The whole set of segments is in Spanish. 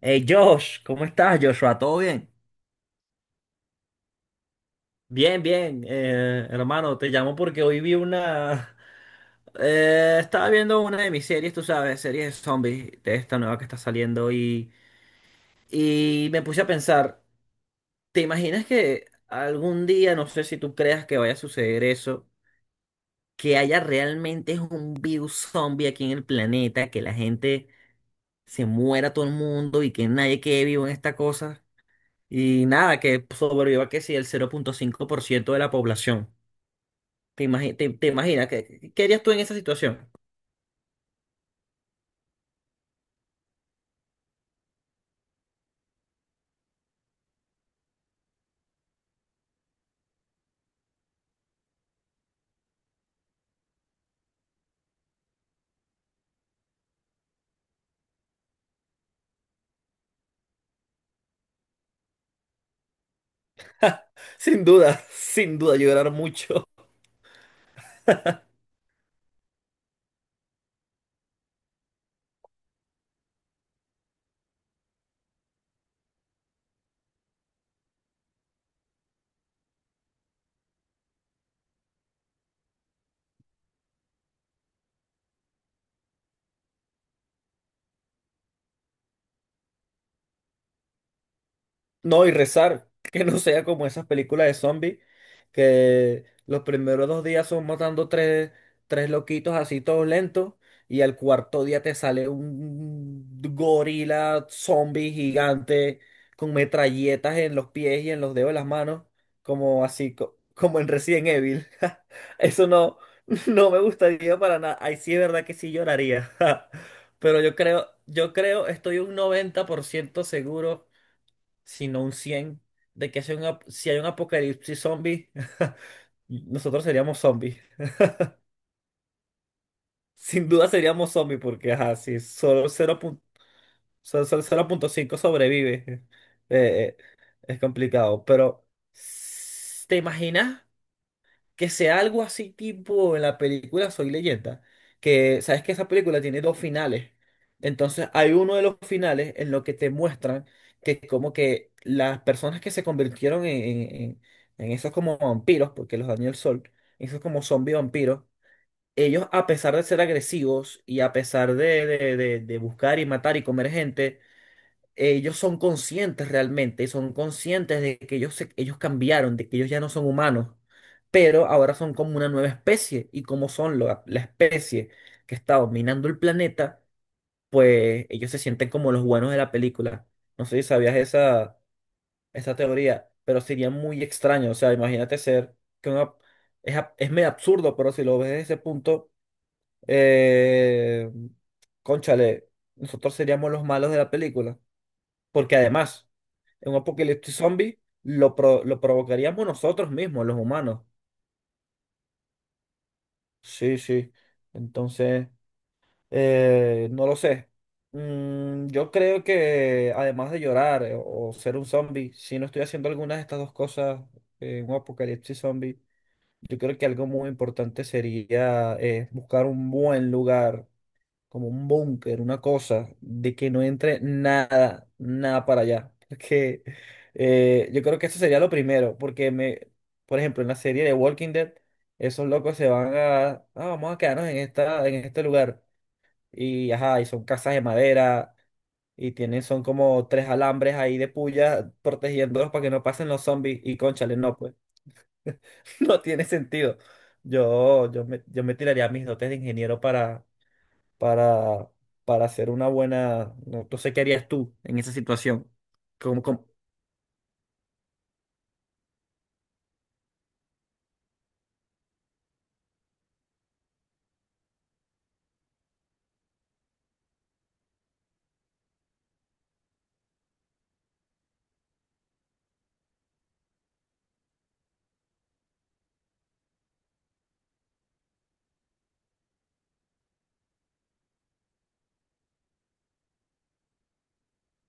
Hey Josh, ¿cómo estás, Joshua? ¿Todo bien? Bien, bien, hermano, te llamo porque hoy estaba viendo una de mis series, tú sabes, series de zombies, de esta nueva que está saliendo y me puse a pensar, ¿te imaginas que algún día, no sé si tú creas que vaya a suceder eso, que haya realmente un virus zombie aquí en el planeta, que la gente se muera todo el mundo y que nadie quede vivo en esta cosa? Y nada, que sobreviva que si el 0,5% de la población. ¿Te imaginas? ¿Qué harías tú en esa situación? Sin duda, sin duda, llorar mucho. No, y rezar, que no sea como esas películas de zombies, que los primeros 2 días son matando tres loquitos así todos lentos, y al cuarto día te sale un gorila zombie gigante con metralletas en los pies y en los dedos de las manos, como así, como en Resident Evil. Eso no, no me gustaría para nada. Ahí sí es verdad que sí lloraría. Pero yo creo, estoy un 90% seguro sino un 100 de que si hay un apocalipsis zombie, nosotros seríamos zombies. Sin duda seríamos zombies, porque ajá, si solo cero pun- solo- solo 0,5 sobrevive, eh, eh, es complicado. Pero, ¿te imaginas? Que sea algo así tipo en la película Soy Leyenda, que sabes que esa película tiene dos finales. Entonces hay uno de los finales en lo que te muestran que como que las personas que se convirtieron en esos como vampiros, porque los dañó el sol, esos como zombies vampiros, ellos a pesar de ser agresivos y a pesar de buscar y matar y comer gente, ellos son conscientes realmente, son conscientes de que ellos cambiaron, de que ellos ya no son humanos, pero ahora son como una nueva especie y como son la especie que está dominando el planeta, pues ellos se sienten como los buenos de la película. No sé si sabías esa teoría, pero sería muy extraño, o sea, imagínate ser que una- es, ab- es medio absurdo, pero si lo ves desde ese punto, eh, cónchale, nosotros seríamos los malos de la película. Porque además, un apocalipsis zombie lo provocaríamos nosotros mismos, los humanos. Sí, sí. Entonces, no lo sé. Yo creo que además de llorar o ser un zombie, si no estoy haciendo alguna de estas dos cosas, un apocalipsis zombie, yo creo que algo muy importante sería buscar un buen lugar como un búnker, una cosa, de que no entre nada, nada para allá. Porque yo creo que eso sería lo primero, por ejemplo, en la serie de Walking Dead, esos locos se van a, vamos a quedarnos en este lugar. Y ajá, y son casas de madera, y tienen, son como tres alambres ahí de puya protegiéndolos para que no pasen los zombies. Y cónchale, no, pues, no tiene sentido. Yo me tiraría mis dotes de ingeniero para para, para hacer una buena... No, no sé qué harías tú en esa situación. Como, como-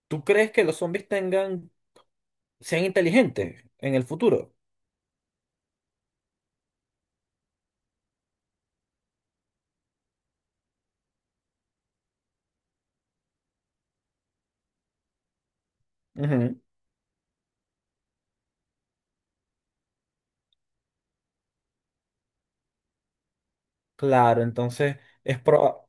¿Tú crees que los zombies tengan, sean inteligentes en el futuro? Ujú. Claro, entonces es proba-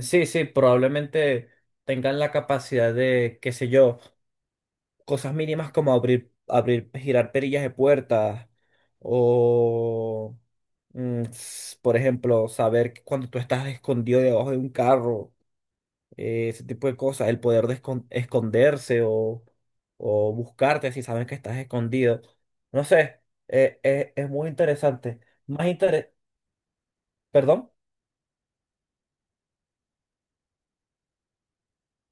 sí, sí, probablemente tengan la capacidad de, qué sé yo, cosas mínimas como abrir, girar perillas de puertas o, por ejemplo, saber que cuando tú estás escondido debajo de un carro ese tipo de cosas, el poder de esconderse o buscarte si saben que estás escondido. No sé, es muy interesante. Más interés, ¿perdón?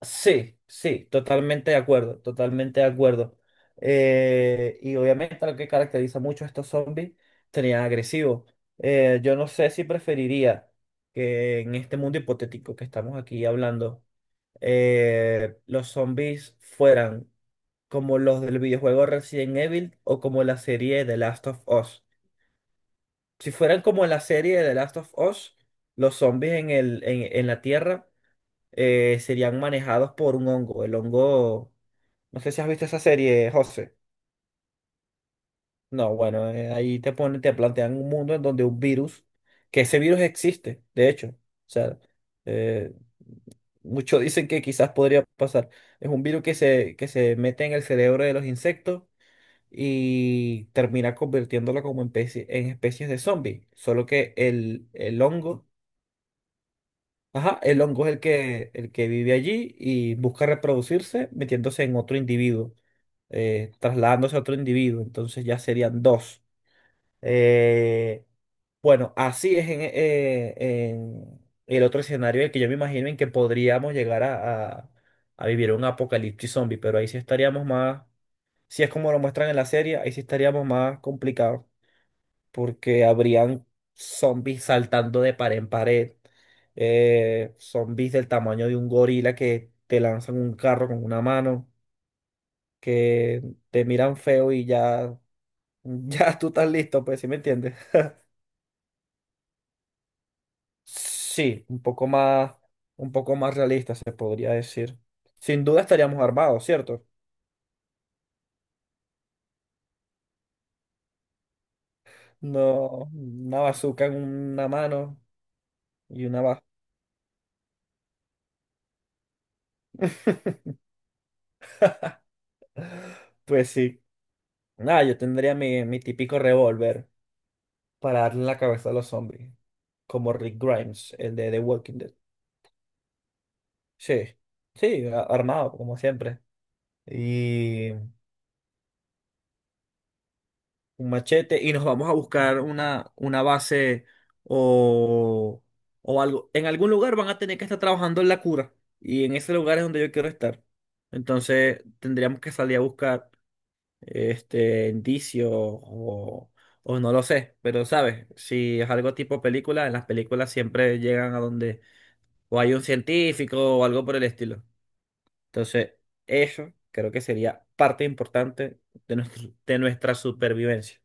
Sí, sí, totalmente de acuerdo, totalmente de acuerdo. Y obviamente lo que caracteriza mucho a estos zombies serían agresivos. Yo no sé si preferiría que en este mundo hipotético que estamos aquí hablando, los zombies fueran como los del videojuego Resident Evil o como la serie The Last of Us. Si fueran como la serie de The Last of Us, los zombies en la Tierra serían manejados por un hongo. El hongo, no sé si has visto esa serie, José. No, bueno, ahí te ponen, te plantean un mundo en donde un virus, que ese virus existe, de hecho. O sea, eh, muchos dicen que quizás podría pasar. Es un virus que se, mete en el cerebro de los insectos y termina convirtiéndola como en especies de zombie. Solo que el hongo, ajá, el hongo es el que vive allí y busca reproducirse metiéndose en otro individuo, trasladándose a otro individuo. Entonces ya serían dos. Eh, bueno, así es en el otro escenario el que yo me imagino en que podríamos llegar a vivir un apocalipsis zombie, pero ahí sí estaríamos más, si es como lo muestran en la serie, ahí sí estaríamos más complicados porque habrían zombies saltando de pared en pared, zombies del tamaño de un gorila que te lanzan un carro con una mano, que te miran feo y ya, ya tú estás listo, pues, ¿sí me entiendes? Sí, un poco más realista se podría decir. Sin duda estaríamos armados, ¿cierto? No, una bazooka en una mano y una baja. Pues sí. Nada, yo tendría mi típico revólver para darle en la cabeza a los zombies, como Rick Grimes, el de The Walking Dead. Sí, sí, armado, como siempre. Y un machete, y nos vamos a buscar una base o, o algo. En algún lugar van a tener que estar trabajando en la cura, y en ese lugar es donde yo quiero estar. Entonces tendríamos que salir a buscar indicios o no lo sé, pero sabes, si es algo tipo película, en las películas siempre llegan a donde o hay un científico o algo por el estilo. Entonces, eso creo que sería parte importante de nuestra supervivencia.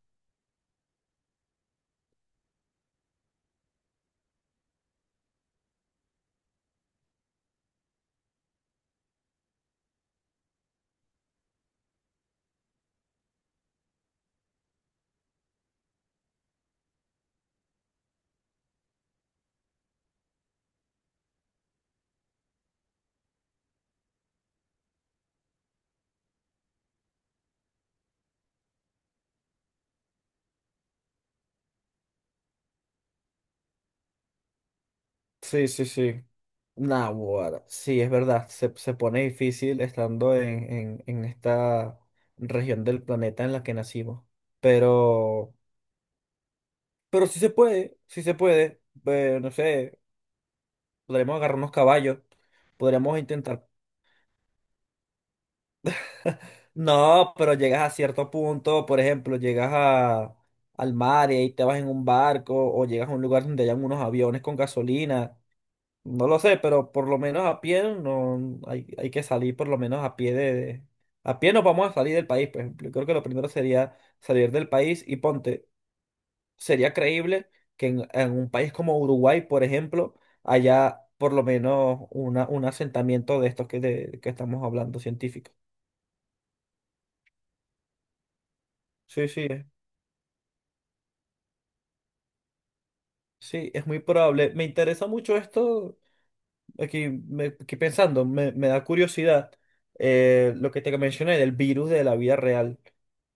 Sí, sí, sí. Nah, bueno, sí, es verdad, se pone difícil estando en esta región del planeta en la que nacimos. Pero, pero sí se puede, sí se puede. No sé, podríamos agarrar unos caballos, podríamos intentar. No, pero llegas a cierto punto, por ejemplo, llegas al mar y ahí te vas en un barco o llegas a un lugar donde hayan unos aviones con gasolina. No lo sé, pero por lo menos a pie no hay, hay que salir por lo menos a pie. A pie nos vamos a salir del país, por ejemplo. Yo creo que lo primero sería salir del país y ponte, sería creíble que en un país como Uruguay, por ejemplo, haya por lo menos un asentamiento de estos de que estamos hablando, científicos. Sí, sí. Sí, es muy probable. Me interesa mucho esto, aquí, aquí pensando, me da curiosidad lo que te mencioné del virus de la vida real.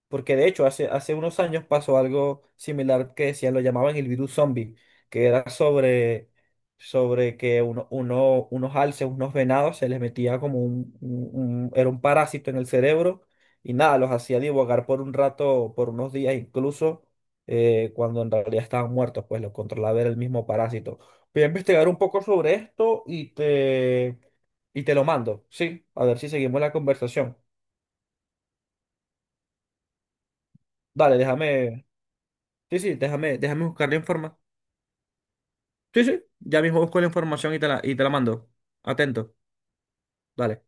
Porque de hecho, hace unos años pasó algo similar que decían, lo llamaban el virus zombie, que era sobre que unos alces, unos venados, se les metía como era un parásito en el cerebro y nada, los hacía divagar por un rato, por unos días incluso, cuando en realidad estaban muertos, pues los controlaba era el mismo parásito. Voy a investigar un poco sobre esto y y te lo mando, ¿sí? A ver si seguimos la conversación. Dale, déjame. Sí, sí, déjame, buscar la información. Sí, sí, ya mismo busco la información y y te la mando. Atento, dale.